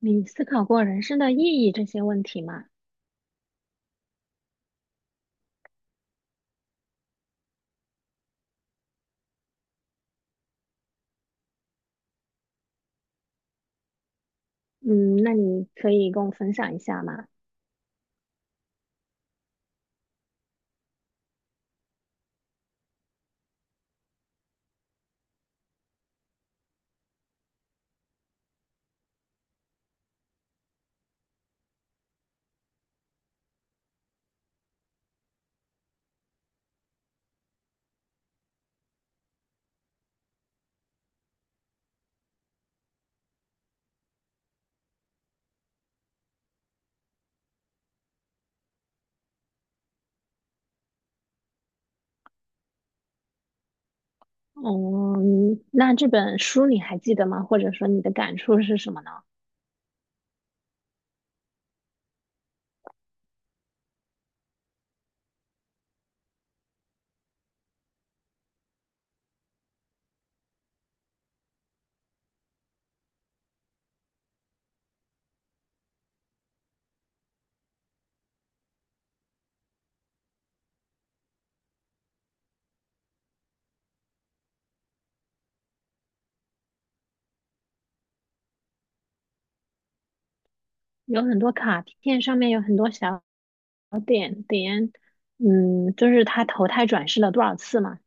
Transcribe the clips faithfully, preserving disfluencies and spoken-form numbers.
你思考过人生的意义这些问题吗？嗯，那你可以跟我分享一下吗？哦嗯，那这本书你还记得吗？或者说你的感触是什么呢？有很多卡片上面有很多小点点，嗯，就是他投胎转世了多少次嘛？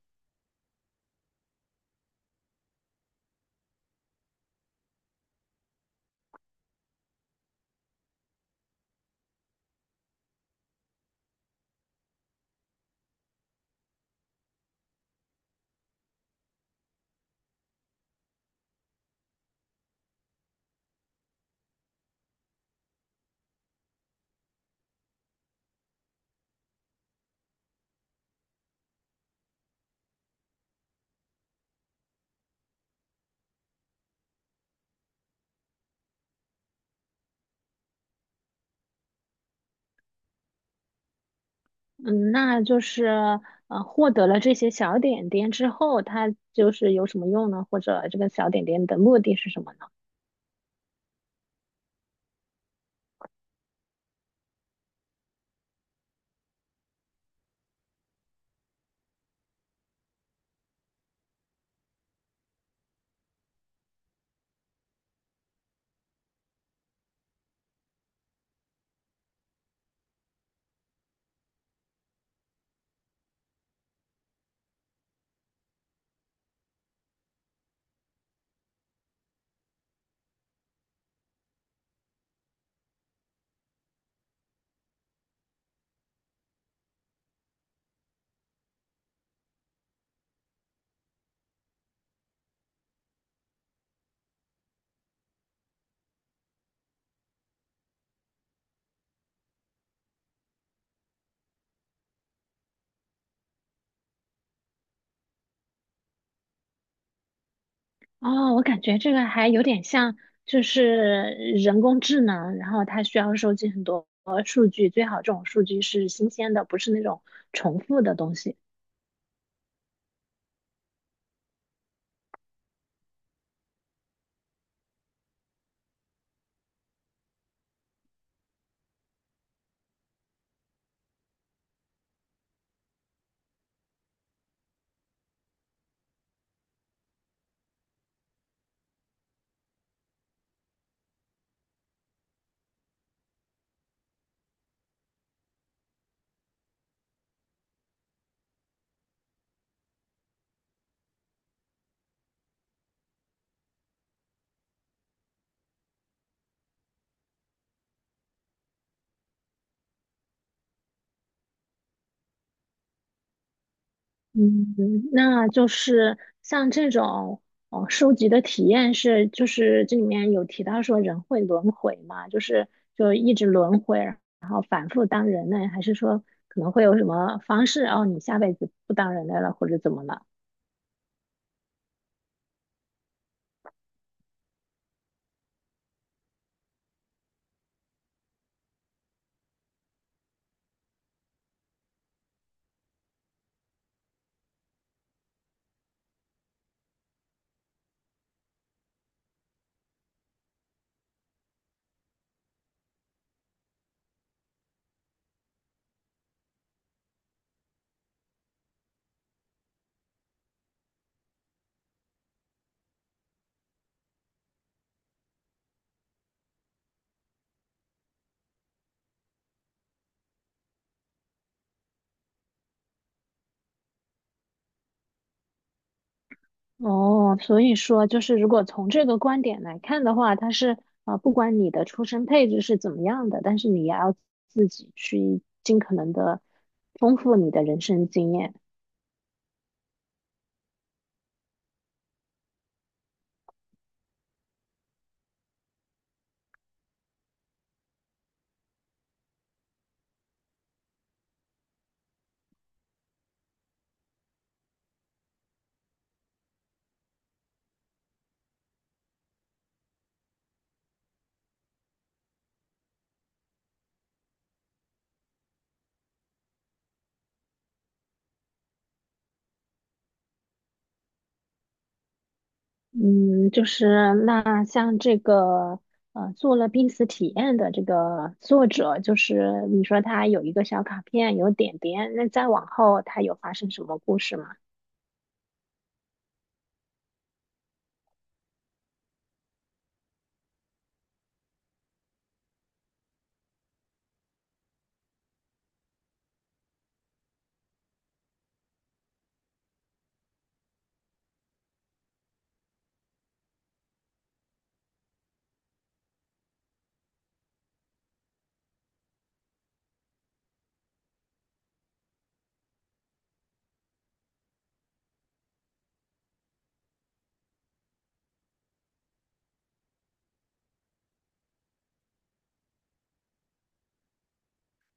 嗯，那就是呃，获得了这些小点点之后，他就是有什么用呢？或者这个小点点的目的是什么呢？哦，我感觉这个还有点像，就是人工智能，然后它需要收集很多数据，最好这种数据是新鲜的，不是那种重复的东西。嗯，那就是像这种哦，收集的体验是，就是这里面有提到说人会轮回嘛，就是就一直轮回，然后反复当人类，还是说可能会有什么方式，哦，你下辈子不当人类了，或者怎么了？哦，所以说就是，如果从这个观点来看的话，它是啊、呃不管你的出生配置是怎么样的，但是你也要自己去尽可能的丰富你的人生经验。嗯，就是那像这个呃，做了濒死体验的这个作者，就是你说他有一个小卡片，有点点，那再往后他有发生什么故事吗？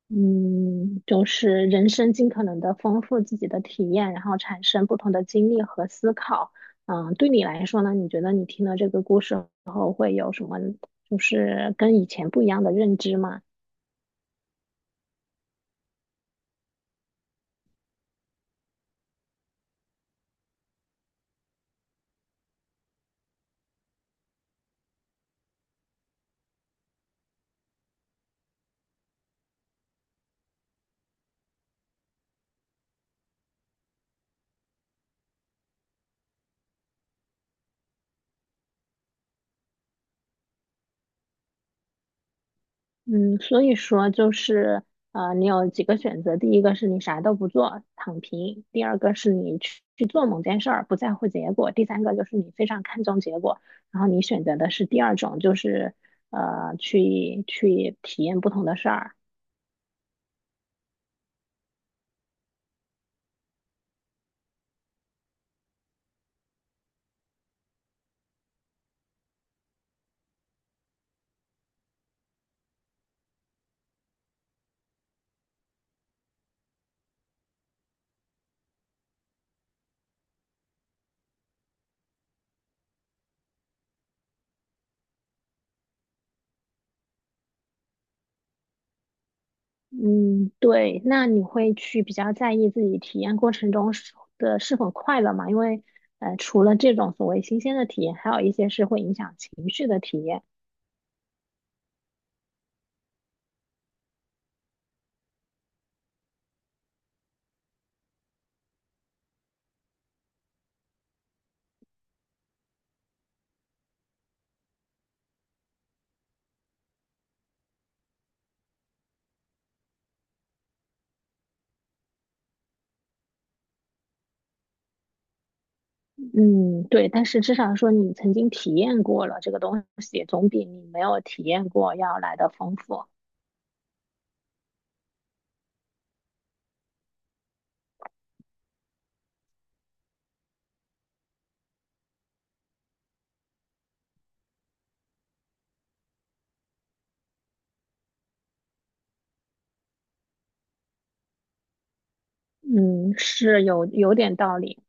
嗯，就是人生尽可能的丰富自己的体验，然后产生不同的经历和思考。嗯，对你来说呢，你觉得你听了这个故事后会有什么，就是跟以前不一样的认知吗？嗯，所以说就是呃，你有几个选择，第一个是你啥都不做，躺平；第二个是你去去做某件事儿，不在乎结果；第三个就是你非常看重结果，然后你选择的是第二种，就是呃，去去体验不同的事儿。嗯，对，那你会去比较在意自己体验过程中是的是否快乐嘛？因为呃，除了这种所谓新鲜的体验，还有一些是会影响情绪的体验。嗯，对，但是至少说你曾经体验过了这个东西，总比你没有体验过要来的丰富。嗯，是有有点道理。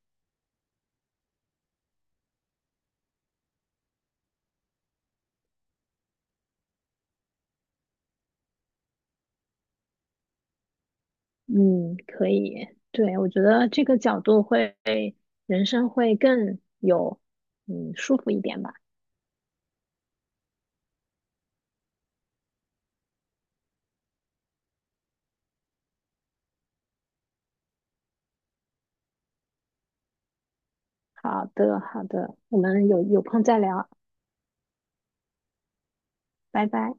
嗯，可以，对，我觉得这个角度会，人生会更有嗯舒服一点吧。好的，好的，我们有有空再聊，拜拜。